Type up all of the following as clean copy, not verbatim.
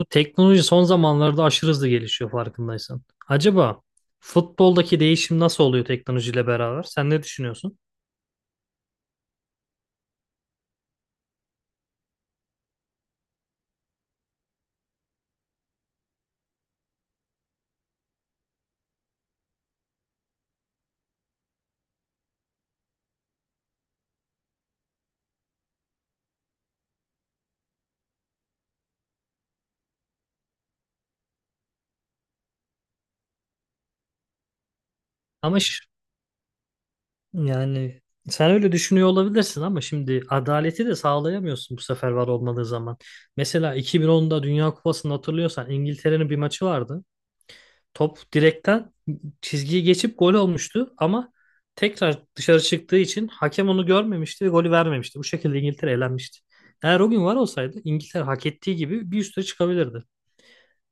Bu teknoloji son zamanlarda aşırı hızlı gelişiyor farkındaysan. Acaba futboldaki değişim nasıl oluyor teknolojiyle beraber? Sen ne düşünüyorsun? Ama yani sen öyle düşünüyor olabilirsin ama şimdi adaleti de sağlayamıyorsun bu sefer var olmadığı zaman. Mesela 2010'da Dünya Kupası'nı hatırlıyorsan İngiltere'nin bir maçı vardı. Top direkten çizgiyi geçip gol olmuştu ama tekrar dışarı çıktığı için hakem onu görmemişti ve golü vermemişti. Bu şekilde İngiltere elenmişti. Eğer o gün var olsaydı İngiltere hak ettiği gibi bir üste çıkabilirdi.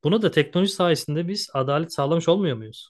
Buna da teknoloji sayesinde biz adalet sağlamış olmuyor muyuz?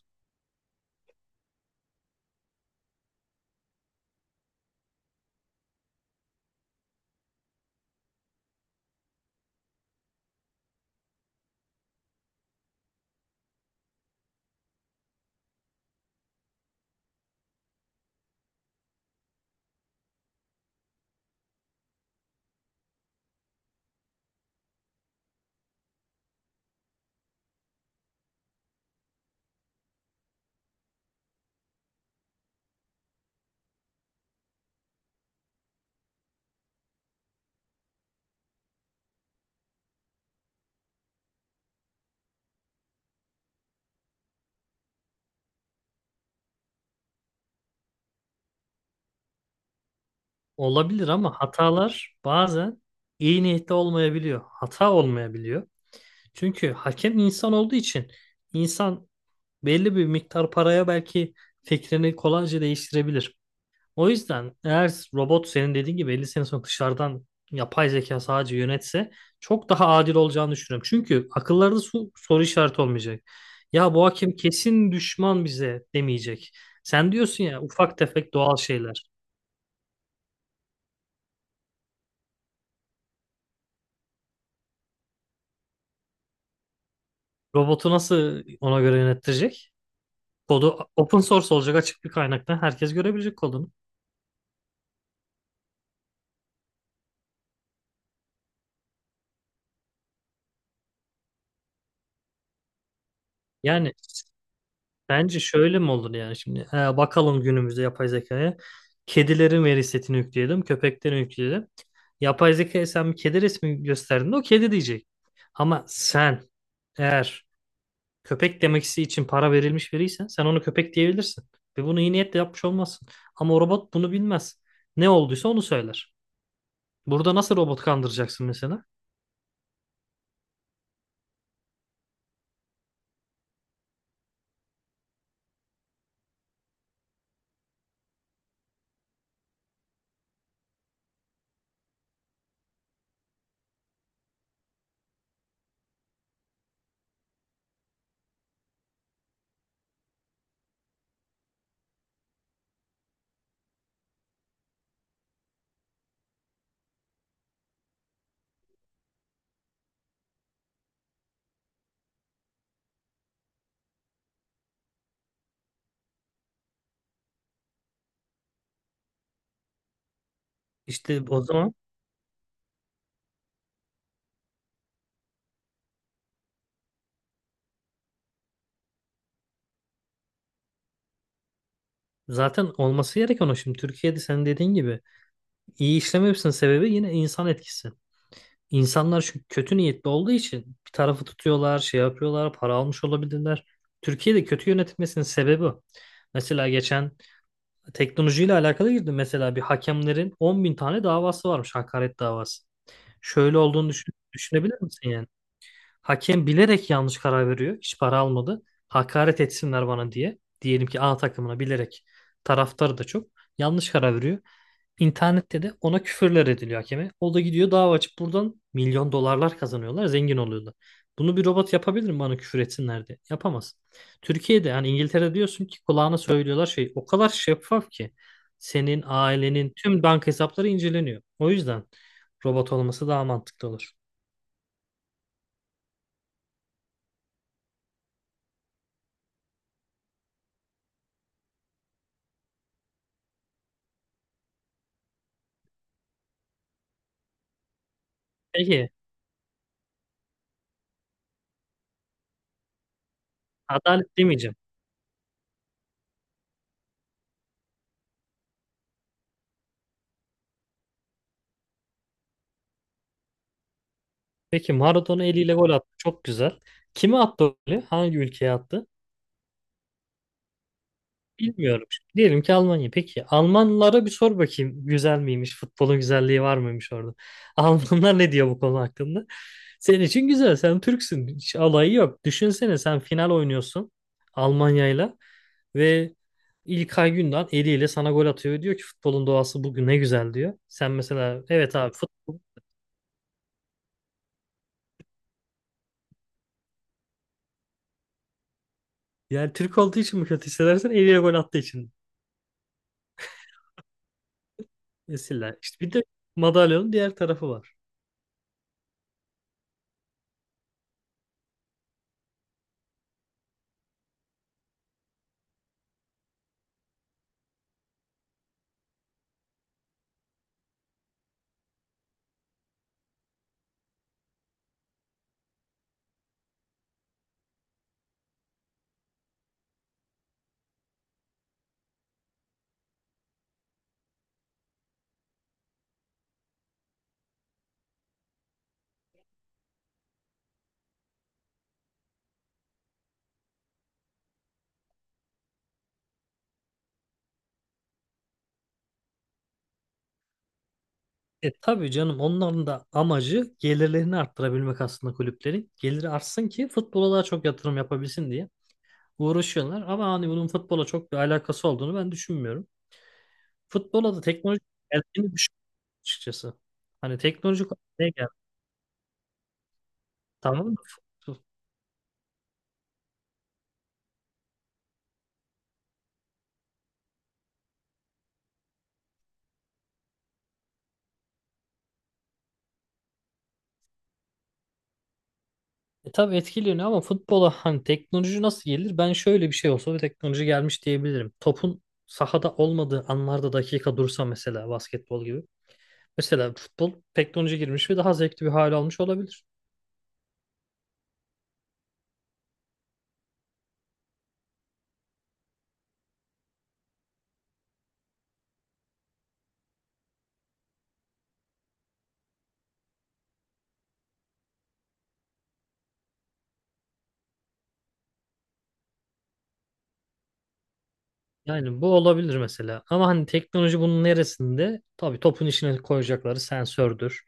Olabilir ama hatalar bazen iyi niyetli olmayabiliyor. Hata olmayabiliyor. Çünkü hakem insan olduğu için insan belli bir miktar paraya belki fikrini kolayca değiştirebilir. O yüzden eğer robot senin dediğin gibi 50 sene sonra dışarıdan yapay zeka sadece yönetse çok daha adil olacağını düşünüyorum. Çünkü akıllarda soru işareti olmayacak. Ya bu hakem kesin düşman bize demeyecek. Sen diyorsun ya ufak tefek doğal şeyler. Robotu nasıl ona göre yönettirecek? Kodu open source olacak, açık bir kaynaktan herkes görebilecek kodunu. Yani bence şöyle mi olur yani şimdi? He, bakalım günümüzde yapay zekaya. Kedilerin veri setini yükleyelim, köpeklerin yükleyelim. Yapay zekaya sen bir kedi resmi gösterdiğinde o kedi diyecek. Ama sen eğer köpek demeksi için para verilmiş veriysen sen onu köpek diyebilirsin. Ve bunu iyi niyetle yapmış olmazsın. Ama o robot bunu bilmez. Ne olduysa onu söyler. Burada nasıl robot kandıracaksın mesela? İşte o zaman zaten olması gereken o. Şimdi Türkiye'de sen dediğin gibi iyi işlememesinin sebebi yine insan etkisi. İnsanlar şu kötü niyetli olduğu için bir tarafı tutuyorlar, şey yapıyorlar, para almış olabilirler. Türkiye'de kötü yönetilmesinin sebebi o. Mesela geçen teknolojiyle alakalı girdi. Mesela bir hakemlerin 10.000 tane davası varmış, hakaret davası. Şöyle olduğunu düşünebilir misin yani? Hakem bilerek yanlış karar veriyor, hiç para almadı. Hakaret etsinler bana diye. Diyelim ki A takımına bilerek, taraftarı da çok, yanlış karar veriyor. İnternette de ona küfürler ediliyor hakeme. O da gidiyor dava açıp buradan milyon dolarlar kazanıyorlar, zengin oluyorlar. Bunu bir robot yapabilir mi bana küfür etsinler diye? Yapamaz. Türkiye'de yani İngiltere diyorsun ki kulağına söylüyorlar, şey, o kadar şeffaf ki senin ailenin tüm banka hesapları inceleniyor. O yüzden robot olması daha mantıklı olur. Peki adalet demeyeceğim. Peki Maradona eliyle gol attı. Çok güzel. Kime attı o golü? Hangi ülkeye attı? Bilmiyorum. Diyelim ki Almanya. Peki Almanlara bir sor bakayım. Güzel miymiş? Futbolun güzelliği var mıymış orada? Almanlar ne diyor bu konu hakkında? Senin için güzel. Sen Türksün. Hiç alayı yok. Düşünsene sen final oynuyorsun Almanya'yla ve İlkay Gündoğan eliyle sana gol atıyor. Ve diyor ki futbolun doğası bugün ne güzel diyor. Sen mesela, evet abi, futbol, yani Türk olduğu için mi kötü hissedersin? Eliyle gol attığı için. Mesela işte bir de madalyonun diğer tarafı var. E tabii canım, onların da amacı gelirlerini arttırabilmek aslında kulüplerin. Geliri artsın ki futbola daha çok yatırım yapabilsin diye uğraşıyorlar. Ama hani bunun futbola çok bir alakası olduğunu ben düşünmüyorum. Futbola da teknoloji geldiğini düşünmüyorum açıkçası. Hani teknoloji ne geldi? Tamam mı? Fut- E tabii etkileniyor ama futbola hani teknoloji nasıl gelir? Ben şöyle bir şey olsa bir teknoloji gelmiş diyebilirim. Topun sahada olmadığı anlarda dakika dursa mesela, basketbol gibi. Mesela futbol teknoloji girmiş ve daha zevkli bir hale almış olabilir. Yani bu olabilir mesela. Ama hani teknoloji bunun neresinde? Tabii topun içine koyacakları sensördür.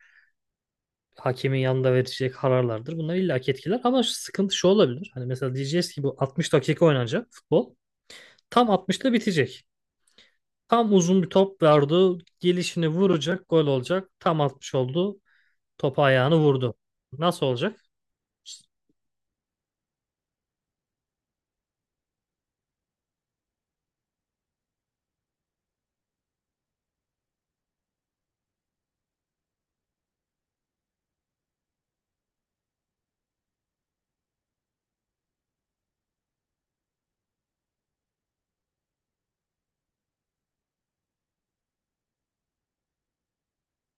Hakemin yanında verecek kararlardır. Bunlar illaki etkiler. Ama şu sıkıntı şu olabilir. Hani mesela diyeceğiz ki bu 60 dakika oynanacak futbol. Tam 60'ta bitecek. Tam uzun bir top verdi. Gelişini vuracak. Gol olacak. Tam 60 oldu. Topu ayağını vurdu. Nasıl olacak?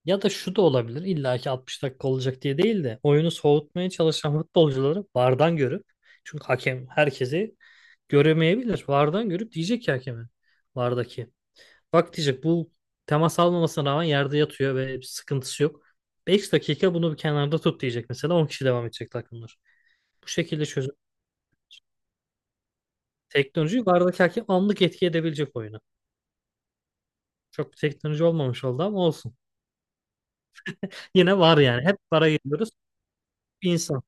Ya da şu da olabilir. İlla ki 60 dakika olacak diye değil de oyunu soğutmaya çalışan futbolcuları VAR'dan görüp, çünkü hakem herkesi göremeyebilir, VAR'dan görüp diyecek ki hakeme, VAR'daki. Bak diyecek, bu temas almamasına rağmen yerde yatıyor ve bir sıkıntısı yok. 5 dakika bunu bir kenarda tut diyecek mesela, 10 kişi devam edecek takımlar. Bu şekilde çözüm. Teknoloji VAR'daki hakem anlık etki edebilecek oyunu. Çok bir teknoloji olmamış oldu ama olsun. Yine var yani. Hep VAR'a geliyoruz. Bir insan.